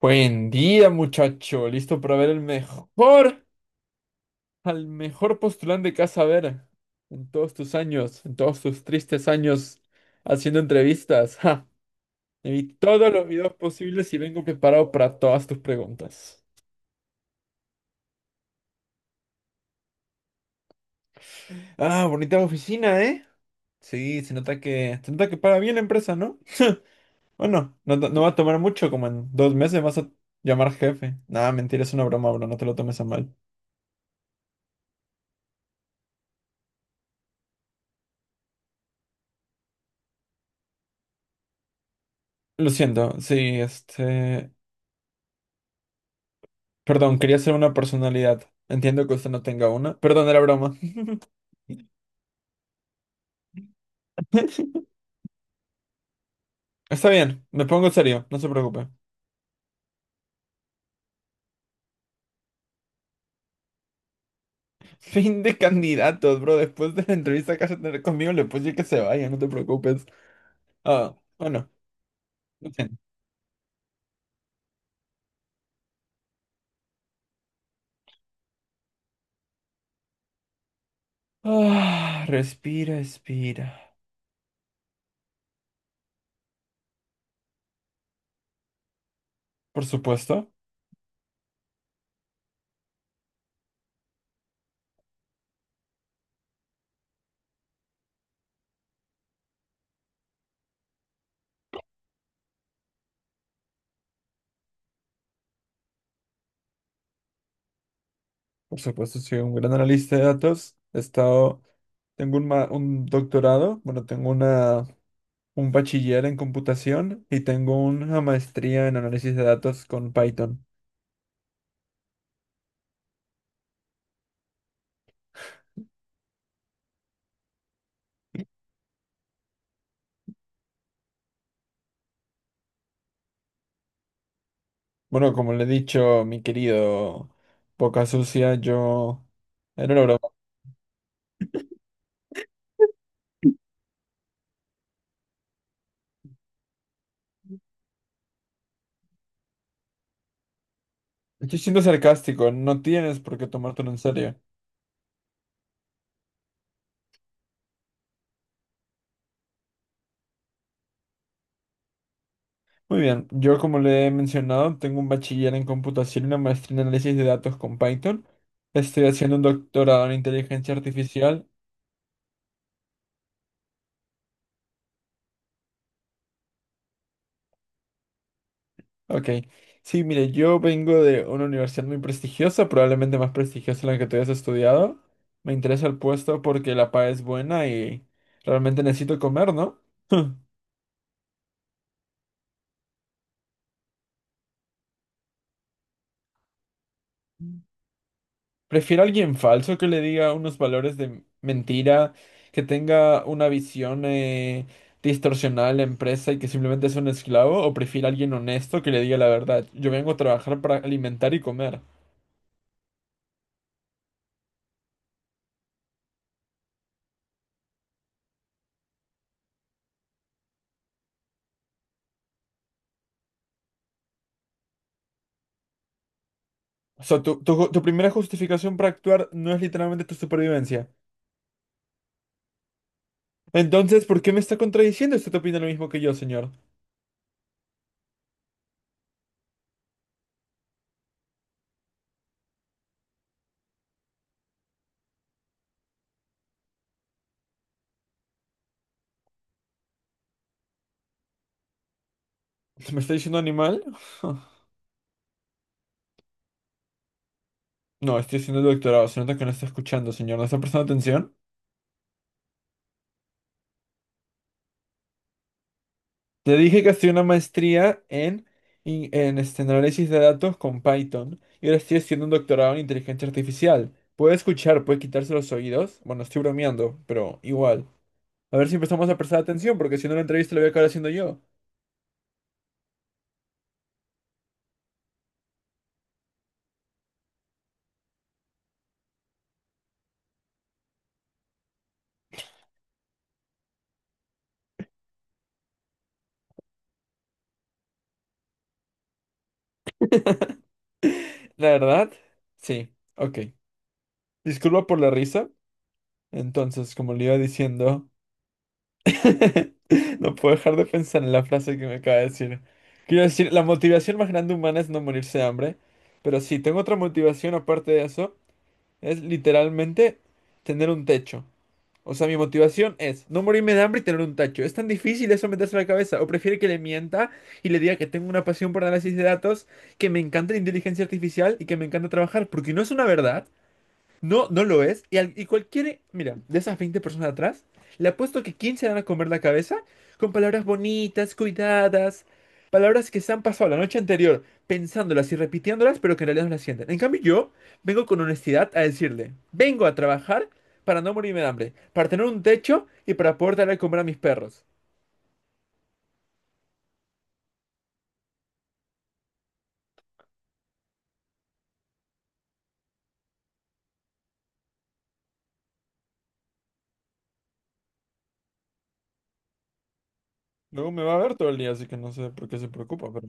Buen día, muchacho. ¿Listo para ver el mejor, al mejor postulante que vas a ver en todos tus años, en todos tus tristes años haciendo entrevistas? Ja, me vi todos los videos posibles y vengo preparado para todas tus preguntas. Ah, bonita oficina, ¿eh? Sí, se nota que paga bien la empresa, ¿no? Bueno, no va a tomar mucho, como en 2 meses vas a llamar jefe. Nada, mentira, es una broma, bro, no te lo tomes a mal. Lo siento, sí, Perdón, quería ser una personalidad. Entiendo que usted no tenga una. Perdón, era broma. Está bien, me pongo serio, no se preocupe. Fin de candidatos, bro. Después de la entrevista que vas a tener conmigo, le puedo decir que se vaya, no te preocupes. Ah, bueno, no sé. Ah, respira, respira. Por supuesto, por supuesto, soy un gran analista de datos. Un doctorado, un bachiller en computación y tengo una maestría en análisis de datos con Python. Bueno, como le he dicho, mi querido Boca Sucia, yo... Era una broma. Estoy siendo sarcástico, no tienes por qué tomártelo en serio. Muy bien, yo como le he mencionado, tengo un bachiller en computación y una maestría en análisis de datos con Python. Estoy haciendo un doctorado en inteligencia artificial. Ok, sí, mire, yo vengo de una universidad muy prestigiosa, probablemente más prestigiosa en la que tú hayas estudiado. Me interesa el puesto porque la paga es buena y realmente necesito comer, ¿no? Prefiero a alguien falso que le diga unos valores de mentira, que tenga una visión distorsionada de la empresa y que simplemente es un esclavo, o prefiero a alguien honesto que le diga la verdad. Yo vengo a trabajar para alimentar y comer. O sea, tu primera justificación para actuar no es literalmente tu supervivencia. Entonces, ¿por qué me está contradiciendo? ¿Usted opina lo mismo que yo, señor? ¿Me está diciendo animal? No, estoy haciendo el doctorado. Se nota que no está escuchando, señor. ¿No está prestando atención? Te dije que hacía una maestría en, in- en este análisis de datos con Python y ahora estoy haciendo un doctorado en inteligencia artificial. Puede escuchar, puede quitarse los oídos. Bueno, estoy bromeando, pero igual. A ver si empezamos a prestar atención, porque si no la entrevista la voy a acabar haciendo yo. La verdad, sí, ok. Disculpa por la risa. Entonces, como le iba diciendo, no puedo dejar de pensar en la frase que me acaba de decir. Quiero decir, la motivación más grande humana es no morirse de hambre. Pero sí, tengo otra motivación aparte de eso. Es literalmente tener un techo. O sea, mi motivación es no morirme de hambre y tener un techo. ¿Es tan difícil eso meterse en la cabeza? ¿O prefiere que le mienta y le diga que tengo una pasión por análisis de datos, que me encanta la inteligencia artificial y que me encanta trabajar? Porque no es una verdad. No, no lo es. Y, y cualquiera, mira, de esas 20 personas atrás, le apuesto que 15 van a comer la cabeza con palabras bonitas, cuidadas, palabras que se han pasado la noche anterior pensándolas y repitiéndolas, pero que en realidad no las sienten. En cambio, yo vengo con honestidad a decirle, vengo a trabajar para no morirme de hambre, para tener un techo y para poder darle de comer a mis perros. Luego me va a ver todo el día, así que no sé por qué se preocupa, pero...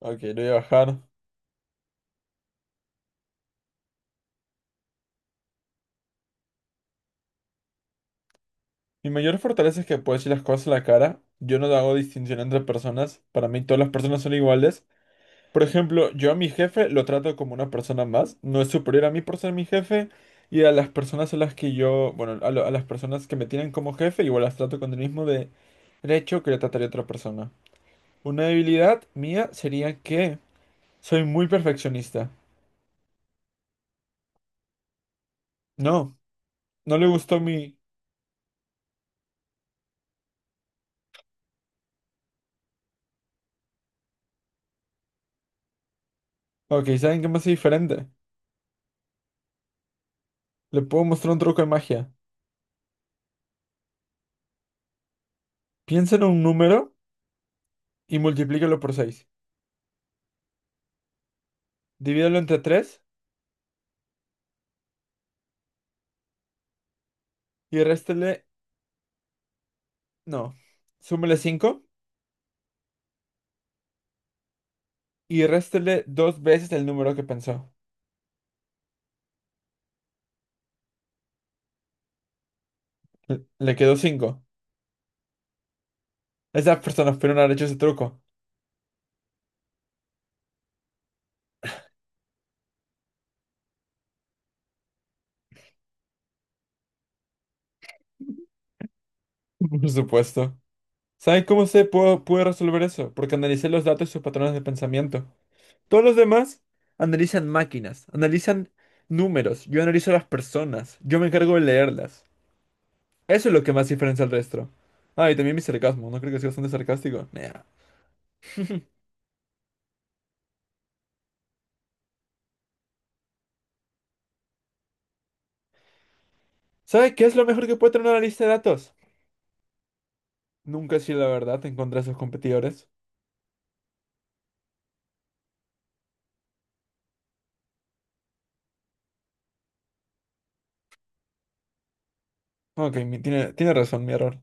Ok, le voy a bajar. Mi mayor fortaleza es que puedo decir las cosas a la cara. Yo no hago distinción entre personas. Para mí todas las personas son iguales. Por ejemplo, yo a mi jefe lo trato como una persona más. No es superior a mí por ser mi jefe. Y a las personas a las que yo, a las personas que me tienen como jefe, igual las trato con el mismo de derecho que le trataría a otra persona. Una debilidad mía sería que soy muy perfeccionista. No, no le gustó mi... Ok, ¿saben qué me hace diferente? Le puedo mostrar un truco de magia. Piensa en un número y multiplícalo por 6. Divídelo entre 3 y réstele, no, súmele 5 y réstele 2 veces el número que pensó. Le quedó 5. Esas personas pudieron haber hecho ese truco. Por supuesto. ¿Saben cómo pude resolver eso? Porque analicé los datos y sus patrones de pensamiento. Todos los demás analizan máquinas, analizan números. Yo analizo a las personas. Yo me encargo de leerlas. Eso es lo que más diferencia al resto. Ah, y también mi sarcasmo. ¿No creo que sea bastante sarcástico? Nah. ¿Sabe qué es lo mejor que puede tener una lista de datos? Nunca sí, la verdad encontrar contra sus competidores. Ok, tiene razón, mi error.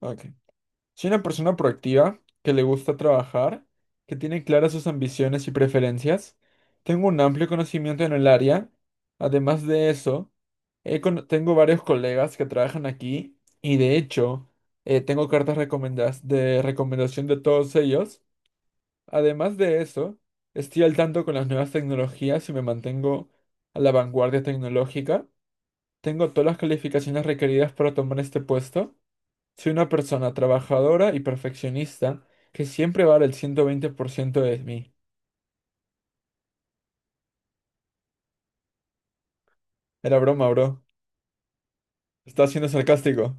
Ok. Soy una persona proactiva, que le gusta trabajar, que tiene claras sus ambiciones y preferencias. Tengo un amplio conocimiento en el área. Además de eso, tengo varios colegas que trabajan aquí y de hecho, tengo cartas recomendadas de recomendación de todos ellos. Además de eso, estoy al tanto con las nuevas tecnologías y me mantengo a la vanguardia tecnológica. Tengo todas las calificaciones requeridas para tomar este puesto. Soy una persona trabajadora y perfeccionista que siempre va a dar el 120% de mí. Era broma, bro. Estaba siendo sarcástico.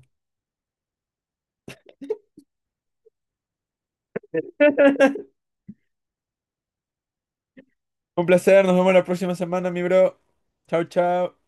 Un placer, nos vemos la próxima semana, mi bro. Chao, chao.